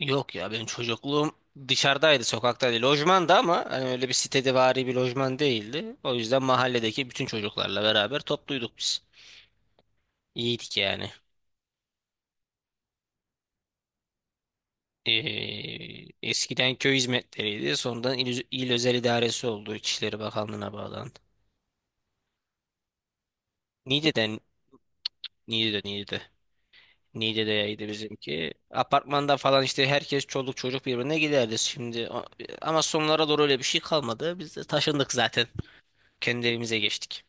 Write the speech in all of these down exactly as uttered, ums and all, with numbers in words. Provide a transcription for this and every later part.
Yok ya benim çocukluğum dışarıdaydı, sokaktaydı. Lojmanda ama hani öyle bir sitedevari bir lojman değildi. O yüzden mahalledeki bütün çocuklarla beraber topluyduk biz. İyiydik yani. Ee, eskiden köy hizmetleriydi. Sonradan il, il özel idaresi oldu. İçişleri Bakanlığı'na bağlandı. Niğde'den, Niğde'de, Niğde. Niğde'deydi bizimki. Apartmanda falan işte herkes çoluk çocuk birbirine giderdi şimdi. O- Ama sonlara doğru öyle bir şey kalmadı. Biz de taşındık zaten. Kendi evimize geçtik.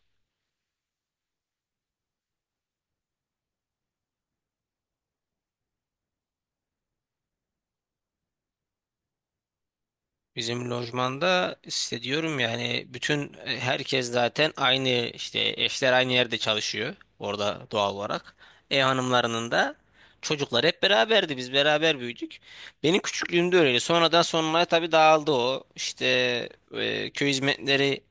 Bizim lojmanda işte diyorum yani bütün e, herkes zaten aynı işte eşler aynı yerde çalışıyor orada doğal olarak. E hanımlarının da çocuklar hep beraberdi biz beraber büyüdük. Benim küçüklüğümde öyleydi. Sonradan sonraya tabii dağıldı o. İşte e, köy hizmetleri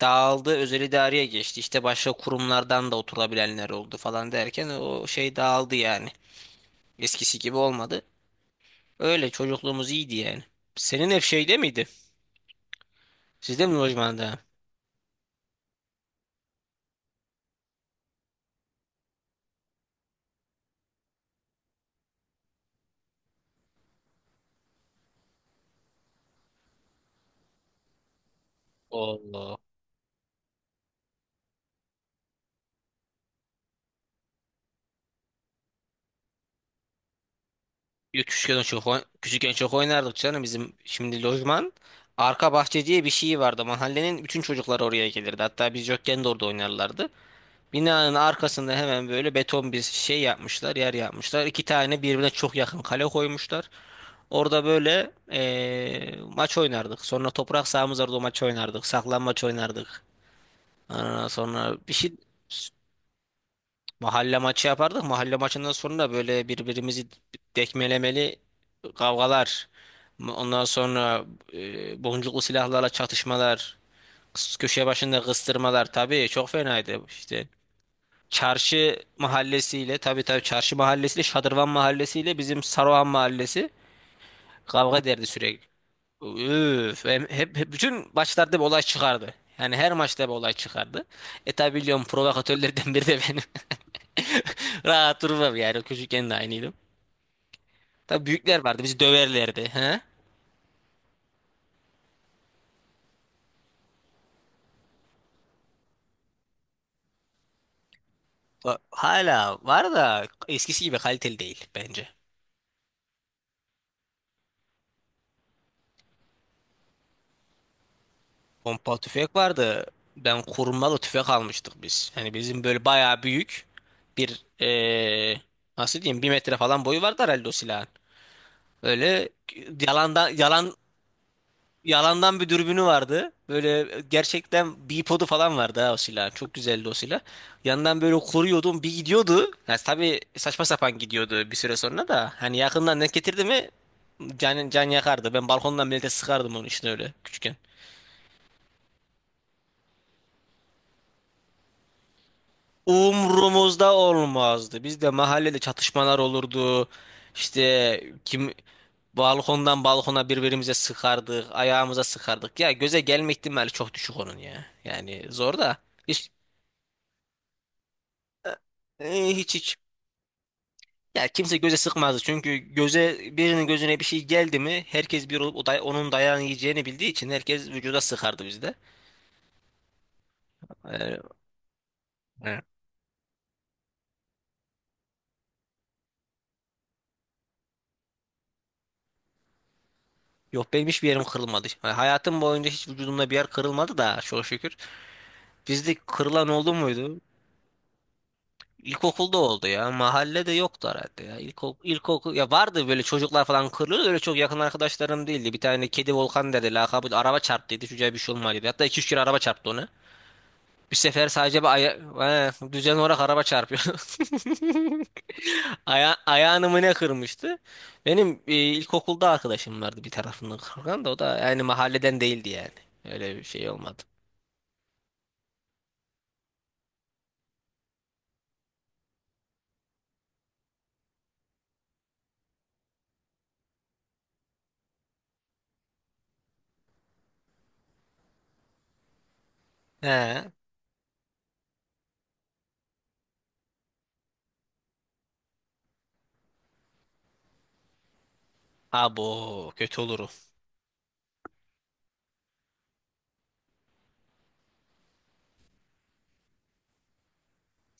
dağıldı özel idareye geçti. İşte başka kurumlardan da oturabilenler oldu falan derken o şey dağıldı yani. Eskisi gibi olmadı. Öyle çocukluğumuz iyiydi yani. Senin hep şeyde miydi? Sizde mi lojmanda? Allah. Yo, Küçükken çok oyn- küçükken çok oynardık canım bizim şimdi lojman arka bahçe diye bir şey vardı. Mahallenin bütün çocuklar oraya gelirdi. Hatta biz yokken de orada oynarlardı. Binanın arkasında hemen böyle beton bir şey yapmışlar, yer yapmışlar. İki tane birbirine çok yakın kale koymuşlar. Orada böyle eee, maç oynardık. Sonra toprak sahamız vardı o maç oynardık. Saklanmaç oynardık. Aa, sonra bir şey. Mahalle maçı yapardık. Mahalle maçından sonra böyle birbirimizi dekmelemeli kavgalar. Ondan sonra e, boncuklu silahlarla çatışmalar. kıs- Köşe başında kıstırmalar. Tabii çok fenaydı işte. Çarşı mahallesiyle tabii tabii, çarşı mahallesiyle Şadırvan mahallesiyle bizim Saruhan mahallesi kavga derdi sürekli. Üf, hem- hep, hep bütün maçlarda bir olay çıkardı. Yani her maçta bir olay çıkardı. E tabi biliyorum provokatörlerden biri de benim. Rahat durmam yani. Çocukken de aynıydım. Tabii büyükler vardı bizi döverlerdi. He? Va- Hala var da eskisi gibi kaliteli değil bence. Pompa tüfek vardı. Ben kurmalı tüfek almıştık biz. Hani bizim böyle bayağı büyük bir eee, nasıl diyeyim bir metre falan boyu vardı herhalde o silahın. Öyle. yalandan yalan Yalandan bir dürbünü vardı. Böyle e, gerçekten bipodu falan vardı ha o silah. Çok güzeldi o silah. Yandan böyle koruyordum bir gidiyordu. Yani tabii saçma sapan gidiyordu bir süre sonra da. Hani yakından denk getirdi mi can, can yakardı. Ben balkondan millete sıkardım onu işte öyle küçükken. Umrumuzda olmazdı. Bizde mahallede çatışmalar olurdu. İşte kim balkondan balkona birbirimize sıkardık. Ayağımıza sıkardık. Ya göze gelme ihtimali çok düşük onun ya. Yani zor da. E, hiç hiç. Ya kimse göze sıkmazdı. Çünkü göze birinin gözüne bir şey geldi mi herkes bir olup o day- onun dayağını yiyeceğini bildiği için herkes vücuda sıkardı bizde. E, e. Yok benim hiçbir yerim kırılmadı. Yani hayatım boyunca hiç vücudumda bir yer kırılmadı da çok şükür. Bizde kırılan oldu muydu? İlkokulda oldu ya. Mahallede yoktu herhalde ya. İlkokul, ilkokul ya vardı böyle çocuklar falan kırılıyordu. Öyle çok yakın arkadaşlarım değildi. Bir tane kedi Volkan dedi. Lakabı araba çarptıydı. Çocuğa bir şey olmadı, dedi. Hatta iki üç kere araba çarptı onu. Bir sefer sadece bir aya. He, düzen olarak araba çarpıyor. Aya ayağını mı ne kırmıştı? Benim e, ilkokulda arkadaşım vardı bir tarafından kırgan da o da yani mahalleden değildi yani. Öyle bir şey olmadı. He. Abo kötü olurum.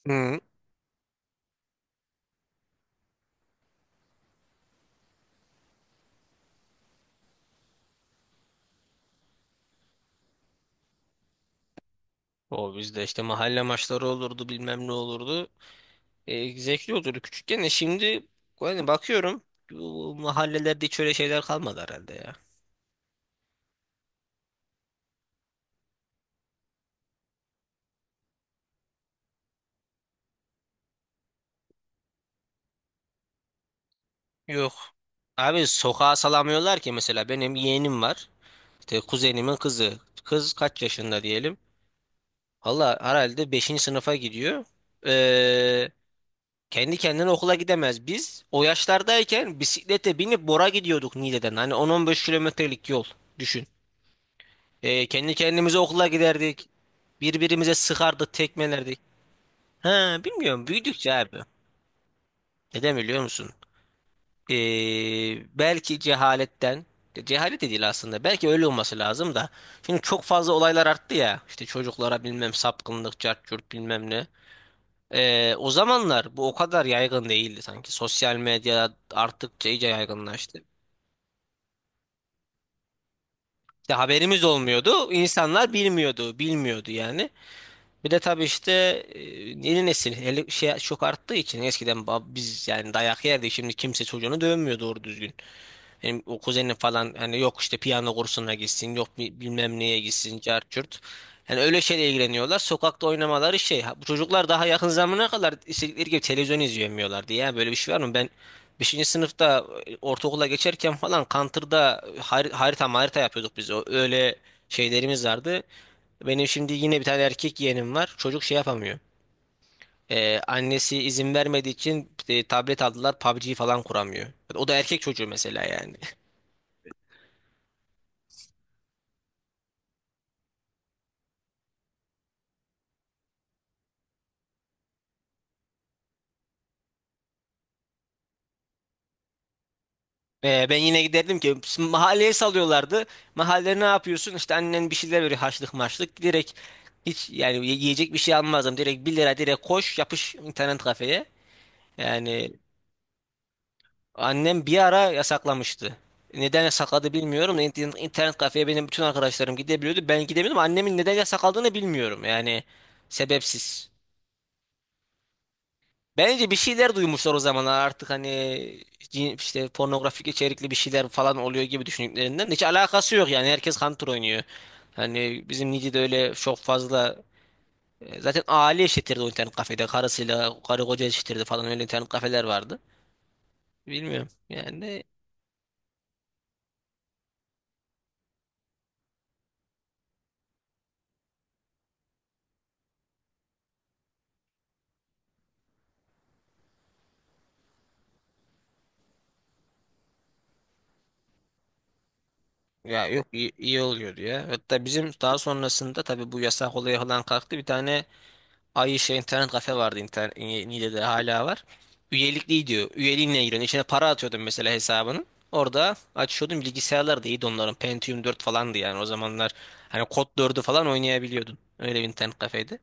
Hı. O bizde işte mahalle maçları olurdu bilmem ne olurdu. E, zevkli olurdu küçükken de şimdi yani bakıyorum bu mahallelerde hiç öyle şeyler kalmadı herhalde ya. Yok. Abi sokağa salamıyorlar ki mesela benim yeğenim var. İşte kuzenimin kızı. Kız kaç yaşında diyelim. Valla herhalde beşinci sınıfa gidiyor. Ee, kendi kendine okula gidemez. Biz o yaşlardayken bisiklete binip Bora gidiyorduk Niğde'den. Hani on on beş kilometrelik yol düşün. Ee, kendi kendimize okula giderdik. Birbirimize sıkardık, tekmelerdik. Ha, bilmiyorum büyüdükçe abi. Neden biliyor musun? Ee, belki cehaletten cehalet de değil aslında belki öyle olması lazım da şimdi çok fazla olaylar arttı ya işte çocuklara bilmem sapkınlık cart curt bilmem ne. Ee, o zamanlar bu o kadar yaygın değildi sanki sosyal medya arttıkça iyice yaygınlaştı. İşte haberimiz olmuyordu insanlar bilmiyordu bilmiyordu yani. Bir de tabii işte e, yeni nesil hele şey çok arttığı için eskiden ba- biz yani dayak yerdik şimdi kimse çocuğunu dövmüyor doğru düzgün. Benim o kuzenim falan hani yok işte piyano kursuna gitsin, yok bi- bilmem neye gitsin, cart. Yani öyle şeyle ilgileniyorlar. Sokakta oynamaları şey. Ha, bu çocuklar daha yakın zamana kadar istedikleri gibi televizyon izleyemiyorlardı ya. Böyle bir şey var mı? Ben beşinci sınıfta e, ortaokula geçerken falan Counter'da har- harita harita yapıyorduk biz. O- Öyle şeylerimiz vardı. Benim şimdi yine bir tane erkek yeğenim var. Çocuk şey yapamıyor. Ee, annesi izin vermediği için e, tablet aldılar. PUBG falan kuramıyor. O da erkek çocuğu mesela yani. Ee, ben yine giderdim ki şimdi mahalleye salıyorlardı. Mahallede ne yapıyorsun? İşte annen bir şeyler veriyor haşlık maşlık. Direkt hiç yani ye- yiyecek bir şey almazdım. Direkt bir lira direkt koş yapış internet kafeye. Yani annem bir ara yasaklamıştı. Neden yasakladı bilmiyorum. İnternet, internet kafeye benim bütün arkadaşlarım gidebiliyordu. Ben gidemiyordum. Annemin neden yasakladığını bilmiyorum. Yani sebepsiz. Bence bir şeyler duymuşlar o zamanlar artık hani cin- işte pornografik içerikli bir şeyler falan oluyor gibi düşündüklerinden de hiç alakası yok yani herkes Hunter oynuyor. Hani bizim Nice'de öyle çok fazla e, zaten aile eşittirdi o internet kafede karısıyla karı koca eşittirdi falan öyle internet kafeler vardı. Bilmiyorum yani ya yok iyi, iyi oluyordu ya. Hatta bizim daha sonrasında tabii bu yasak olayı falan kalktı bir tane. Ay şey internet kafe vardı internet Niğde'de hala var. Üyelikli diyor. Üyeliğinle giriyorsun. İçine para atıyordun mesela hesabının. Orada açıyordun bilgisayarlar da iyiydi onların. Pentium dört falandı yani o zamanlar. Hani Kod dördü falan oynayabiliyordun. Öyle bir internet kafeydi.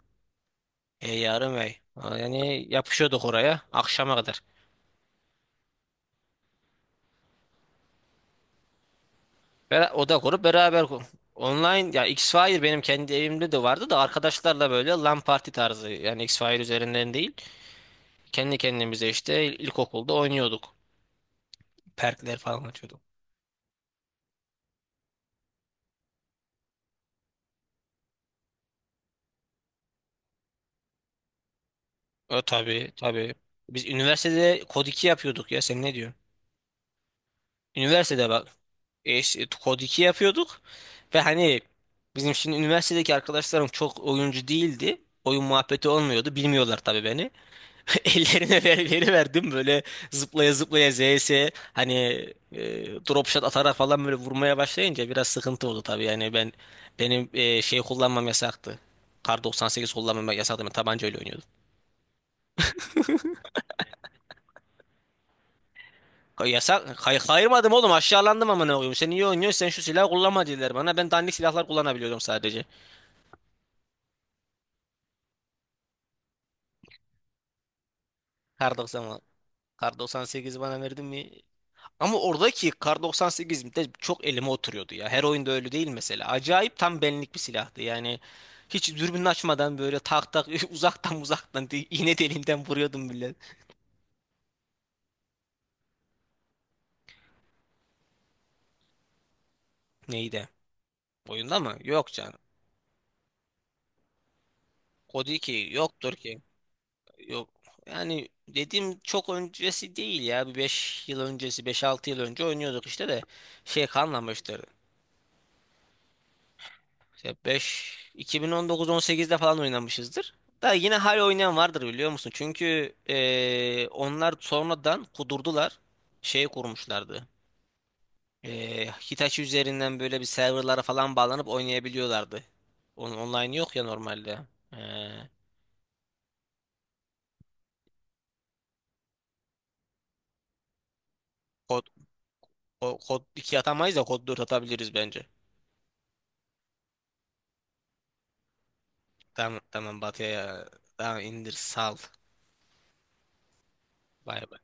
E yarım ay. Yani yapışıyorduk oraya akşama kadar. Ve oda kurup beraber ku- online ya X-Fire benim kendi evimde de vardı da arkadaşlarla böyle LAN parti tarzı yani X-Fire üzerinden değil. Kendi kendimize işte ilkokulda oynuyorduk. Perkler falan açıyorduk. E tabii tabii. Biz üniversitede kod iki yapıyorduk ya sen ne diyorsun? Üniversitede bak. E, işte kod iki yapıyorduk ve hani bizim şimdi üniversitedeki arkadaşlarım çok oyuncu değildi. Oyun muhabbeti olmuyordu. Bilmiyorlar tabii beni. Ellerine ver, veriverdim böyle zıplaya zıplaya Z S hani e, drop shot atarak falan böyle vurmaya başlayınca biraz sıkıntı oldu tabii. Yani ben benim e, şey kullanmam yasaktı. Kar doksan sekiz kullanmam yasaktı. Ben tabancayla oynuyordum. Ka- Yasak. Kay kayırmadım oğlum. Aşağılandım ama ne koyayım. Sen iyi oynuyorsun. Sen şu silahı kullanma dediler bana. Ben dandik silahlar kullanabiliyorum sadece. Kar doksan Kar doksan sekiz bana verdin mi? Ama oradaki Kar doksan sekiz de çok elime oturuyordu ya. Her oyunda öyle değil mesela. Acayip tam benlik bir silahtı. Yani hiç dürbün açmadan böyle tak tak uzaktan uzaktan di- iğne deliğinden vuruyordum bile. Neydi? Oyunda mı? Yok canım. Kod iki yoktur. Yok, yani dediğim çok öncesi değil ya. Bir beş yıl öncesi beş altı yıl önce oynuyorduk işte de şey kalmamıştır. İşte beş iki bin on dokuz on sekizde falan oynamışızdır. Da yine hala oynayan vardır biliyor musun? Çünkü eee, onlar sonradan kudurdular. Şey kurmuşlardı. Eee Hitachi üzerinden böyle bir serverlara falan bağlanıp oynayabiliyorlardı. Onun online yok ya normalde. Eee, kod, o- kod iki atamayız da kod dört atabiliriz bence. Tamam tamam Batı'ya ya. Tamam indir sal. Bay bay.